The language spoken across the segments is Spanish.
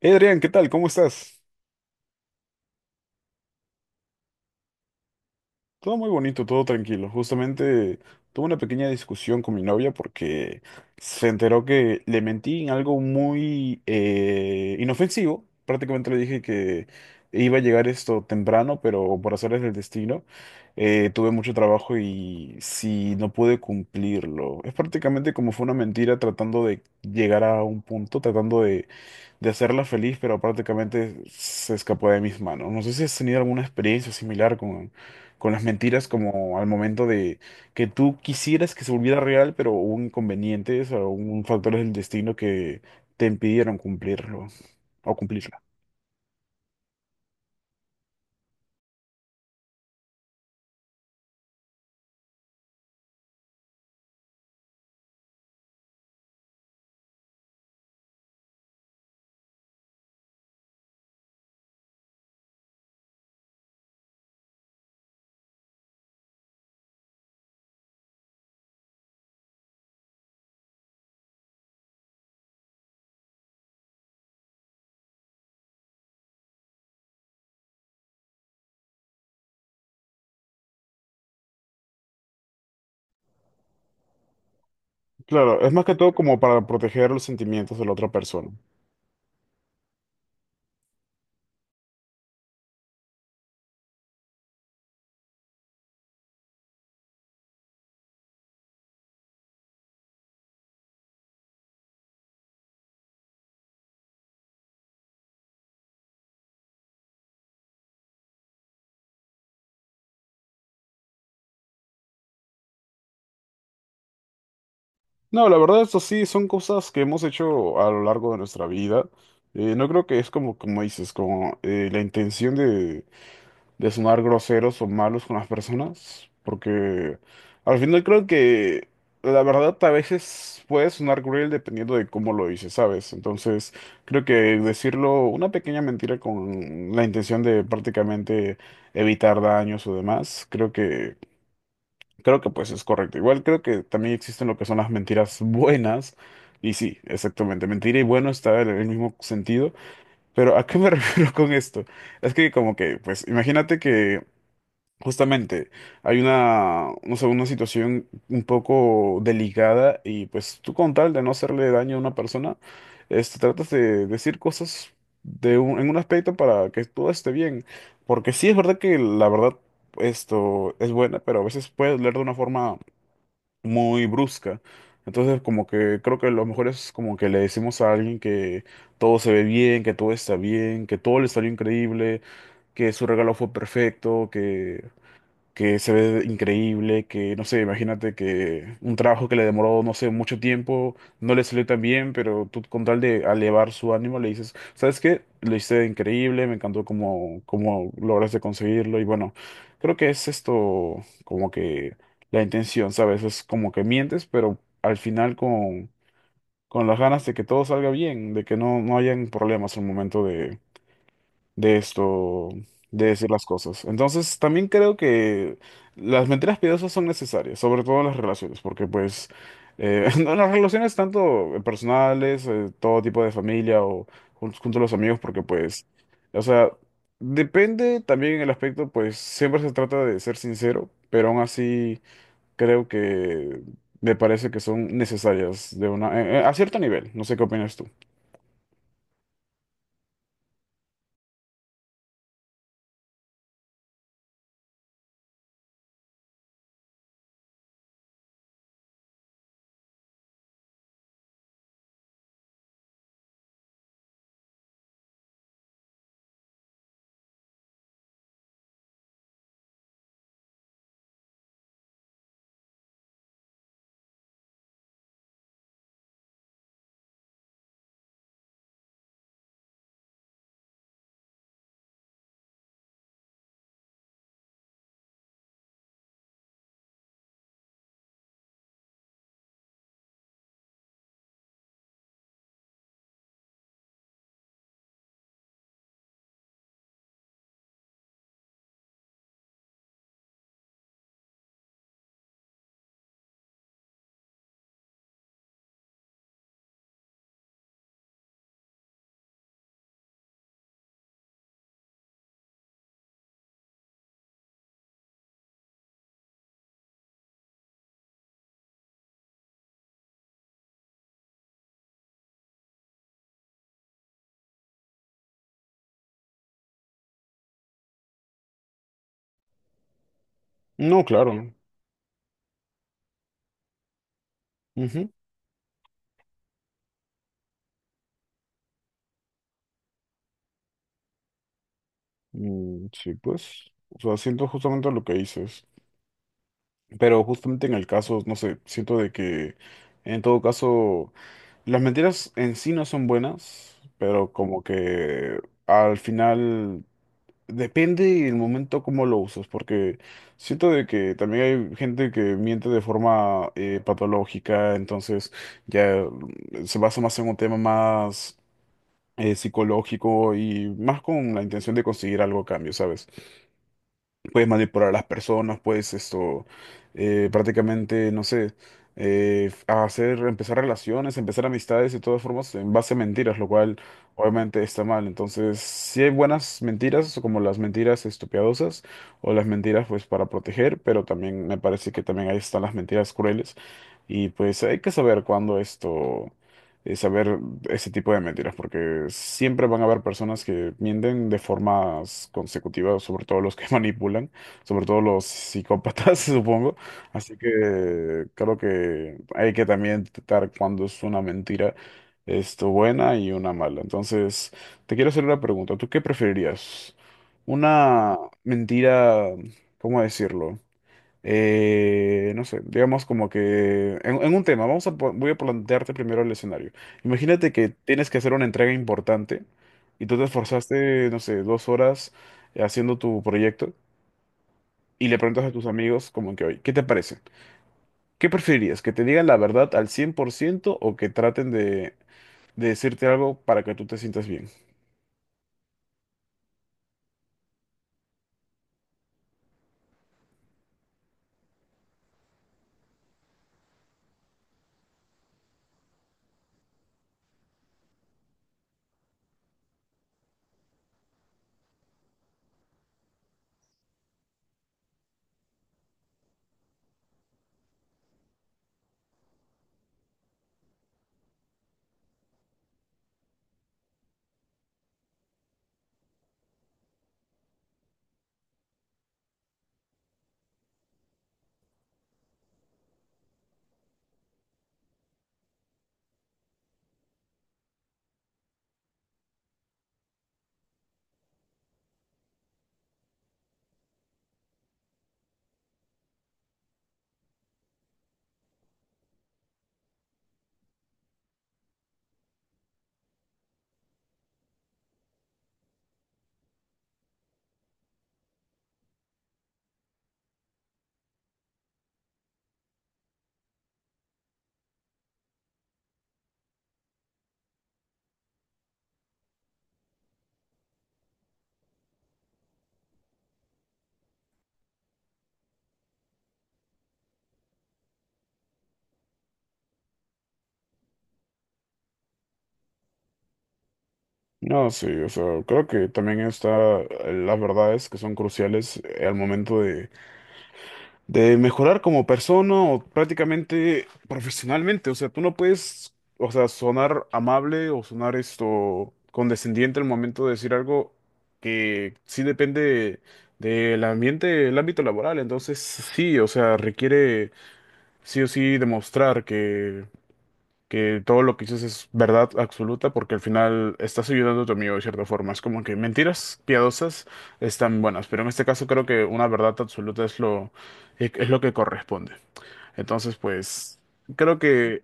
Hey Adrián, ¿qué tal? ¿Cómo estás? Todo muy bonito, todo tranquilo. Justamente tuve una pequeña discusión con mi novia porque se enteró que le mentí en algo muy inofensivo. Prácticamente le dije que iba a llegar esto temprano, pero por azares del destino tuve mucho trabajo y sí, no pude cumplirlo. Es prácticamente como fue una mentira tratando de llegar a un punto, tratando de hacerla feliz, pero prácticamente se escapó de mis manos. No sé si has tenido alguna experiencia similar con las mentiras como al momento de que tú quisieras que se volviera real, pero hubo inconvenientes o un factores del destino que te impidieron cumplirlo o cumplirla. Claro, es más que todo como para proteger los sentimientos de la otra persona. No, la verdad, eso sí, son cosas que hemos hecho a lo largo de nuestra vida. No creo que es como, como dices, como la intención de sonar groseros o malos con las personas, porque al final creo que la verdad a veces puede sonar cruel dependiendo de cómo lo dices, ¿sabes? Entonces creo que decirlo una pequeña mentira con la intención de prácticamente evitar daños o demás, creo que pues es correcto. Igual creo que también existen lo que son las mentiras buenas. Y sí, exactamente, mentira y bueno está en el mismo sentido. Pero ¿a qué me refiero con esto? Es que como que, pues imagínate que justamente, hay una, no sé, una situación un poco delicada y pues tú con tal de no hacerle daño a una persona, este, tratas de decir cosas de un- en un aspecto para que todo esté bien. Porque sí es verdad que la verdad esto es buena, pero a veces puede doler de una forma muy brusca. Entonces como que creo que lo mejor es como que le decimos a alguien que todo se ve bien, que todo está bien, que todo le salió increíble, que su regalo fue perfecto, que se ve increíble, que no sé, imagínate que un trabajo que le demoró, no sé, mucho tiempo, no le salió tan bien, pero tú con tal de elevar su ánimo le dices, ¿sabes qué? Lo hice increíble, me encantó cómo, cómo lograste conseguirlo y bueno, creo que es esto como que la intención, ¿sabes? Es como que mientes, pero al final con las ganas de que todo salga bien, de que no, no hayan problemas al momento de esto, de decir las cosas. Entonces, también creo que las mentiras piadosas son necesarias, sobre todo en las relaciones, porque pues en las relaciones tanto personales, todo tipo de familia o junto, junto a los amigos, porque pues, o sea, depende también el aspecto, pues siempre se trata de ser sincero, pero aún así creo que me parece que son necesarias de una, a cierto nivel. No sé qué opinas tú. No, claro. Ujú. Mm, sí, pues, o sea, siento justamente lo que dices, pero justamente en el caso, no sé, siento de que en todo caso las mentiras en sí no son buenas, pero como que al final depende el momento cómo lo usas, porque siento de que también hay gente que miente de forma patológica, entonces ya se basa más en un tema más psicológico y más con la intención de conseguir algo a cambio, ¿sabes? Puedes manipular a las personas, puedes esto, prácticamente, no sé, hacer, empezar relaciones, empezar amistades de todas formas en base a mentiras, lo cual obviamente está mal. Entonces, sí hay buenas mentiras, como las mentiras esto, piadosas o las mentiras pues para proteger, pero también me parece que también ahí están las mentiras crueles. Y pues hay que saber cuándo esto saber ese tipo de mentiras, porque siempre van a haber personas que mienten de formas consecutivas, sobre todo los que manipulan, sobre todo los psicópatas, supongo. Así que creo que hay que también detectar cuando es una mentira, esto buena y una mala. Entonces, te quiero hacer una pregunta. ¿Tú qué preferirías? Una mentira, ¿cómo decirlo? No sé, digamos como que en un tema, vamos a, po- voy a plantearte primero el escenario. Imagínate que tienes que hacer una entrega importante y tú te esforzaste, no sé, 2 horas haciendo tu proyecto y le preguntas a tus amigos como que hoy, ¿qué te parece? ¿Qué preferirías? ¿Que te digan la verdad al 100 por ciento o que traten de decirte algo para que tú te sientas bien? No, sí, o sea, creo que también está las verdades que son cruciales al momento de mejorar como persona o prácticamente profesionalmente. O sea, tú no puedes, o sea, sonar amable o sonar esto condescendiente al momento de decir algo que sí depende del ambiente, el ámbito laboral. Entonces, sí, o sea, requiere sí o sí demostrar que todo lo que dices es verdad absoluta porque al final estás ayudando a tu amigo de cierta forma. Es como que mentiras piadosas están buenas, pero en este caso creo que una verdad absoluta es lo que corresponde. Entonces, pues, creo que,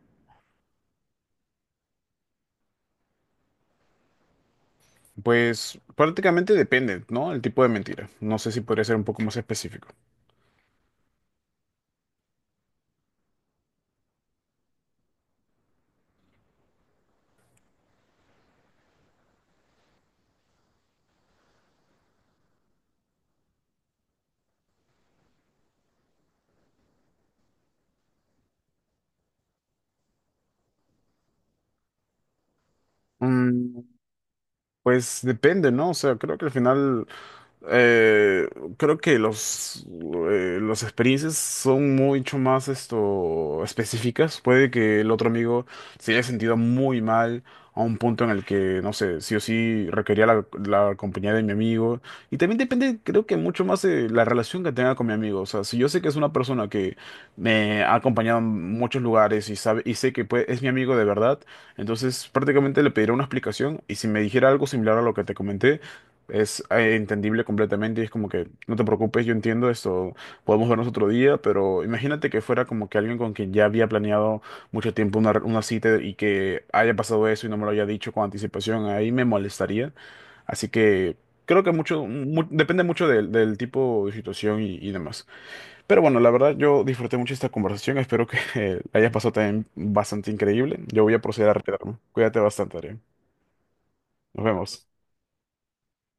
pues, prácticamente depende, ¿no? El tipo de mentira. No sé si podría ser un poco más específico. Mm, pues depende, ¿no? O sea, creo que al final... Eh, Creo que los, las experiencias son mucho más esto, específicas. Puede que el otro amigo se haya sentido muy mal a un punto en el que, no sé, sí o sí requería la, la compañía de mi amigo. Y también depende, creo que mucho más de la relación que tenga con mi amigo. O sea, si yo sé que es una persona que me ha acompañado en muchos lugares y sabe, y sé que puede- es mi amigo de verdad, entonces prácticamente le pediré una explicación y si me dijera algo similar a lo que te comenté es entendible completamente y es como que no te preocupes, yo entiendo esto, podemos vernos otro día, pero imagínate que fuera como que alguien con quien ya había planeado mucho tiempo una cita y que haya pasado eso y no me lo haya dicho con anticipación, ahí me molestaría. Así que creo que mucho, mu- depende mucho del, del tipo de situación y demás. Pero bueno, la verdad yo disfruté mucho esta conversación, espero que la hayas pasado también bastante increíble. Yo voy a proceder a retirarme. Cuídate bastante, Adrián. Nos vemos.